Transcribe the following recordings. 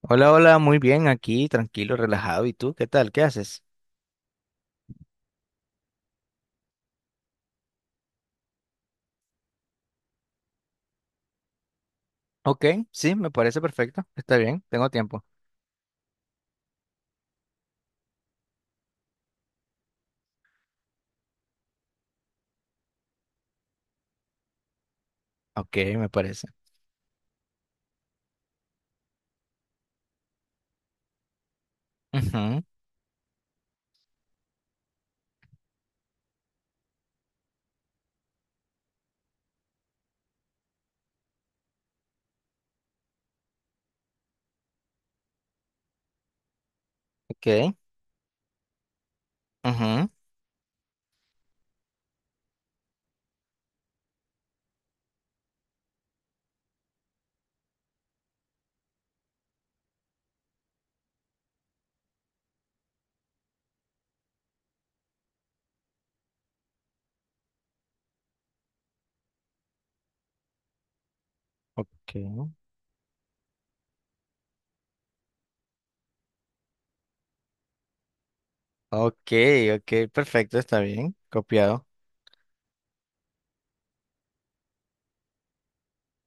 Hola, hola, muy bien, aquí, tranquilo, relajado. ¿Y tú qué tal? ¿Qué haces? Ok, sí, me parece perfecto. Está bien, tengo tiempo. Ok, me parece. Ujú, ok, ujú, ok, ok, perfecto, está bien. Copiado.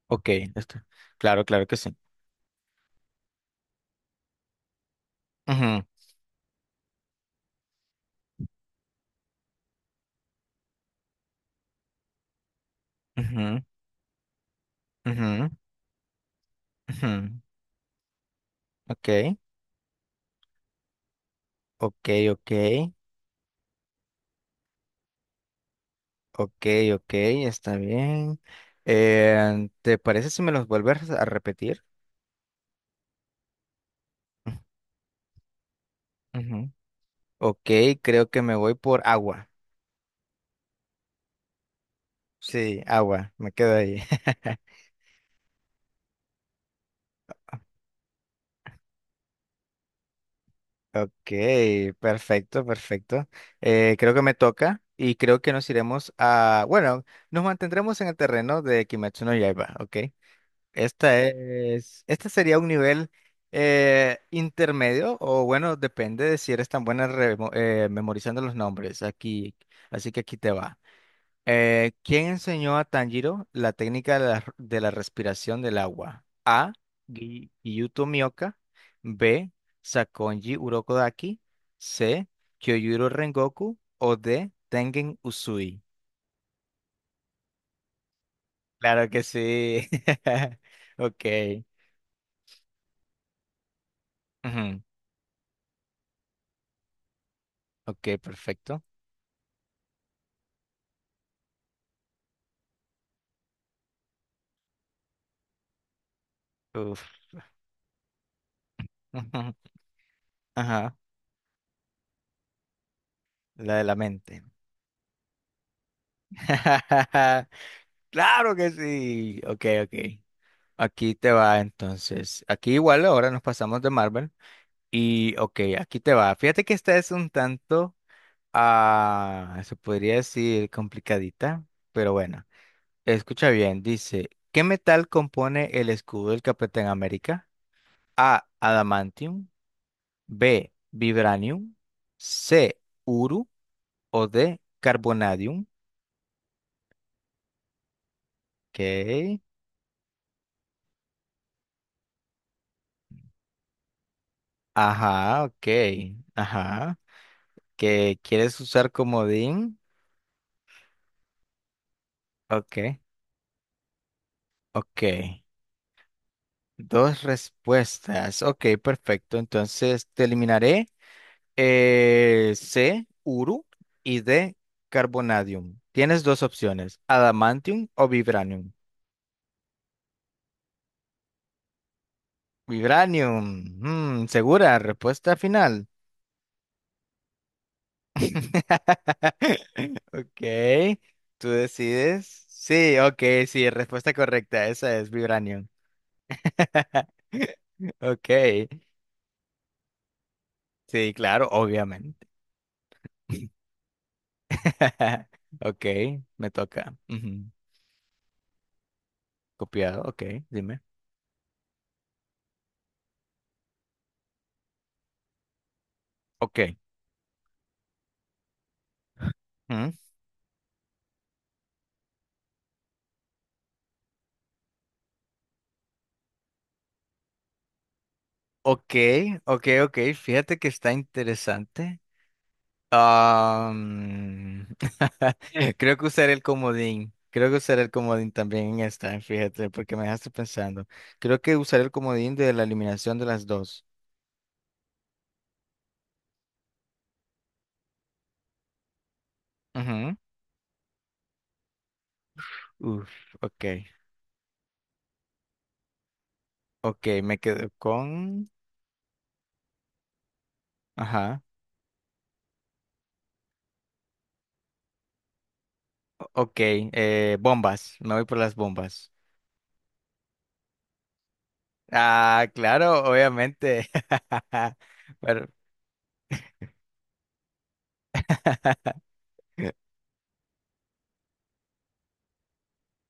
Ok, está. Claro, claro que sí. Ujú, ujú, ujú, ujú, ok, ok, ok, ok, ok, está bien. ¿Te parece si me los vuelves a repetir? Ujú, ok, creo que me voy por agua. Sí, agua, me quedo ahí. Ok, perfecto, perfecto. Creo que me toca y creo que nos iremos a... Bueno, nos mantendremos en el terreno de Kimetsu no Yaiba, ok. Esta es... Este sería un nivel intermedio o bueno, depende de si eres tan buena memorizando los nombres. Aquí, así que aquí te va. ¿Quién enseñó a Tanjiro la técnica de la respiración del agua? Gyuto Mioka. B. Sakonji Urokodaki. C. Kyojuro Rengoku. O D. Tengen Uzui. Claro que sí. Ok. Ujú. Ok, perfecto. Uf. Ujú. Ajá. La de la mente. Claro que sí. Ok, ok. Aquí te va entonces. Aquí igual ahora nos pasamos de Marvel. Y ok, aquí te va. Fíjate que esta es un tanto, ah, se podría decir, complicadita, pero bueno. Escucha bien, dice, ¿qué metal compone el escudo del Capitán América? A, adamantium, B, vibranium, C, uru o D, carbonadium. Ok, ajá, ok, ajá. ¿Que quieres usar comodín? Ok, ok. Dos respuestas. Ok, perfecto. Entonces te eliminaré. C, Uru y D, Carbonadium. Tienes dos opciones, Adamantium o Vibranium. Vibranium. Mm, segura, respuesta final. Ok, tú decides. Sí, ok, sí, respuesta correcta, esa es Vibranium. Ok, sí, claro, obviamente. Ok, me toca. Ujú. Copiado, ok, dime. Ok. Mm, ok, ok, ok. Fíjate que está interesante. Am, Creo que usaré el comodín. Creo que usaré el comodín también en esta, fíjate, porque me dejaste pensando. Creo que usaré el comodín de la eliminación de las dos. Ujú. Uf, ok. Ok, me quedo con... Ajá. Ok, bombas. Me voy por las bombas. Ah, claro, obviamente. Pero...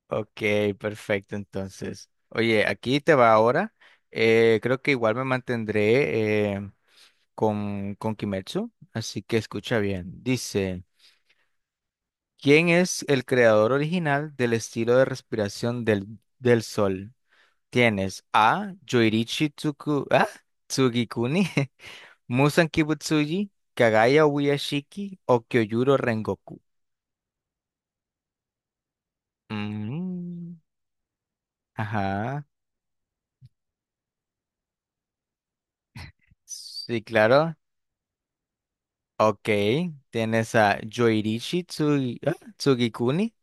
Ok, perfecto. Entonces, oye, aquí te va ahora. Creo que igual me mantendré con Kimetsu, así que escucha bien. Dice, ¿quién es el creador original del estilo de respiración del sol? Tienes A. Yoirichi Tsuku, ¿ah? Tsugikuni, Musan Kibutsuji, Kagaya Ubuyashiki o Kyojuro Rengoku. Mm, ajá. Sí, claro. Ok, tienes a Yoirishi Tsugikuni.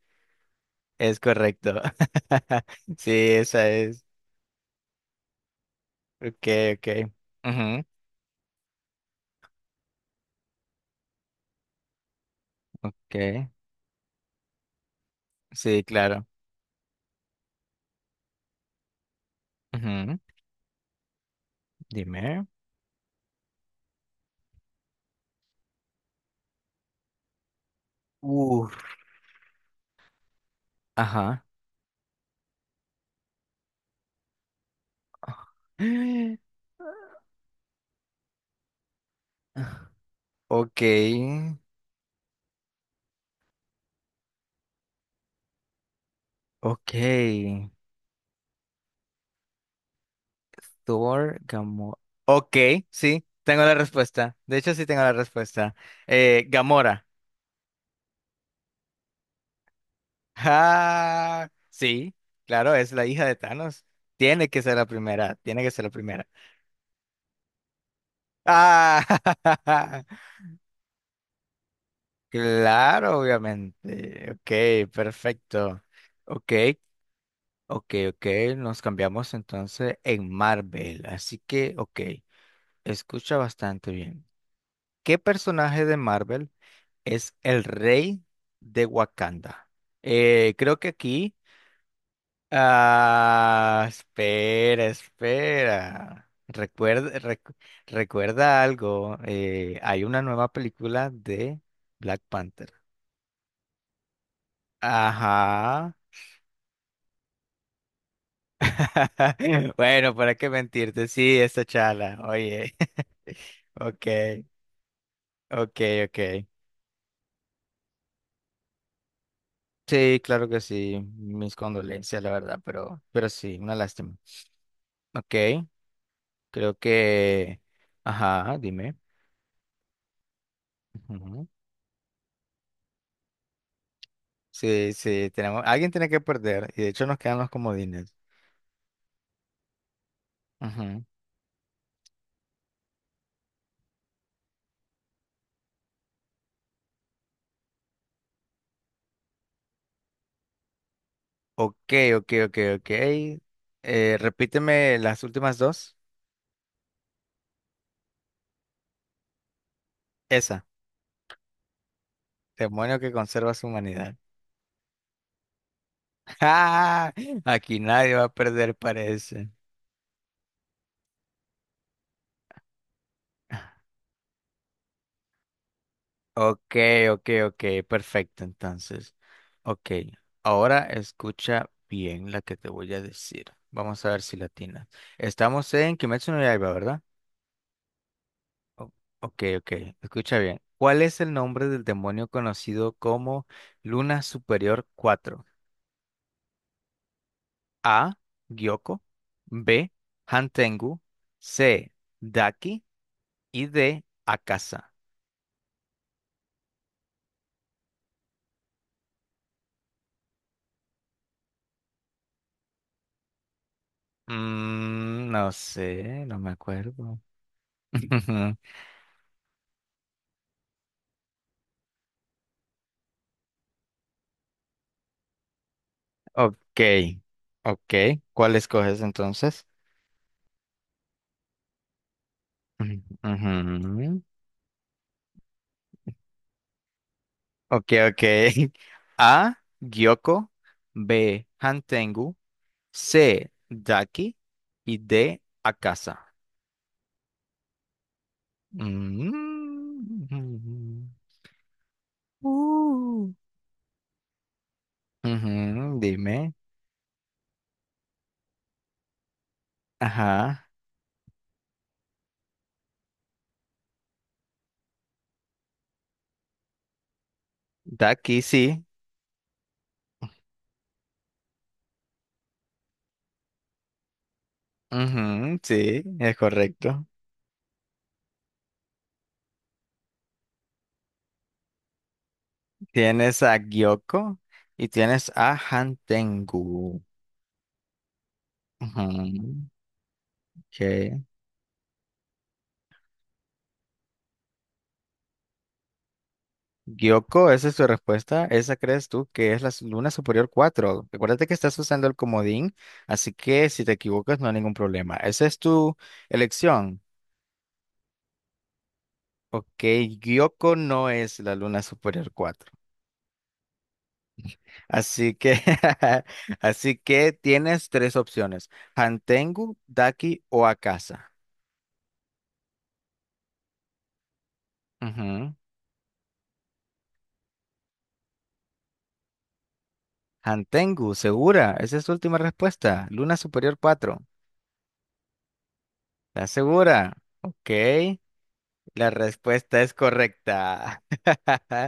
Es correcto. Sí, esa es. Ok, ok. Ujú, ok. Sí, claro. Ujú, dime. Uf. Ajá. Ok, ok. Thor, Gamora. Ok, sí, tengo la respuesta. De hecho, sí tengo la respuesta. Gamora. Ah, sí, claro, es la hija de Thanos. Tiene que ser la primera, tiene que ser la primera. Ah, claro, obviamente. Ok, perfecto. Ok, ok, ok, nos cambiamos entonces en Marvel. Así que, ok, escucha bastante bien. ¿Qué personaje de Marvel es el rey de Wakanda? Creo que aquí... Ah, espera, espera. Recuerda, recuerda algo. Hay una nueva película de Black Panther. Ajá. Bueno, para qué mentirte. Sí, esta chala. Oye. Ok, ok, ok. Sí, claro que sí. Mis condolencias, la verdad, pero sí, una lástima. Ok, creo que. Ajá, dime. Sí, sí, tenemos, alguien tiene que perder y de hecho nos quedan los comodines. Ujú. Ok, ok, ok, ok. Repíteme las últimas dos. Esa, demonio que conserva su humanidad. ¡Ah! Aquí nadie va a perder, parece. Ok, ok, ok, perfecto, entonces. Ok, ahora escucha bien la que te voy a decir. Vamos a ver si latina. Estamos en Kimetsu no Yaiba, ¿verdad? O- Ok, ok, escucha bien. ¿Cuál es el nombre del demonio conocido como Luna Superior Cuatro? A. Gyoko. B. Hantengu. C. Daki. Y D. Akasa. Mm, no sé, no me acuerdo. Ok, ok. ¿Cuál escoges entonces? Ujú. Ujú. Ok, ok. A. Gyoko. B. Hantengu. C, de aquí y D, a casa. Mm. Uh. Ujú, dime. Ajá. De aquí sí. Ujú, sí, es correcto. Tienes a Gyoko y tienes a Hantengu. Ujú, ok. Gyoko, esa es tu respuesta. ¿Esa crees tú que es la luna superior 4? Recuérdate que estás usando el comodín, así que si te equivocas no hay ningún problema. Esa es tu elección. Ok, Gyoko no es la Luna Superior 4. Así que, así que tienes tres opciones: Hantengu, Daki o Akasa. Ujú. Hantengu, segura. Esa es tu última respuesta. Luna Superior 4, ¿estás segura? Ok, la respuesta es correcta.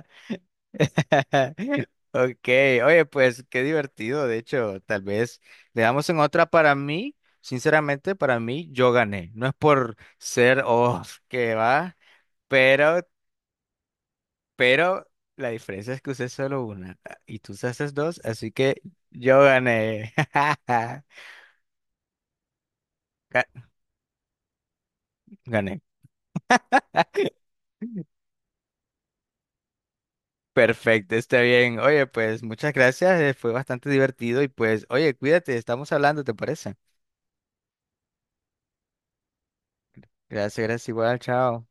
Ok, oye, pues qué divertido. De hecho, tal vez le damos en otra. Para mí, sinceramente, para mí, yo gané. No es por ser, oh, que va, pero, pero, la diferencia es que usé solo una, y tú usaste dos, así que yo gané. Ga- Gané. Perfecto, está bien. Oye, pues muchas gracias. Fue bastante divertido y, pues, oye, cuídate, estamos hablando, ¿te parece? Gracias, gracias, igual, chao.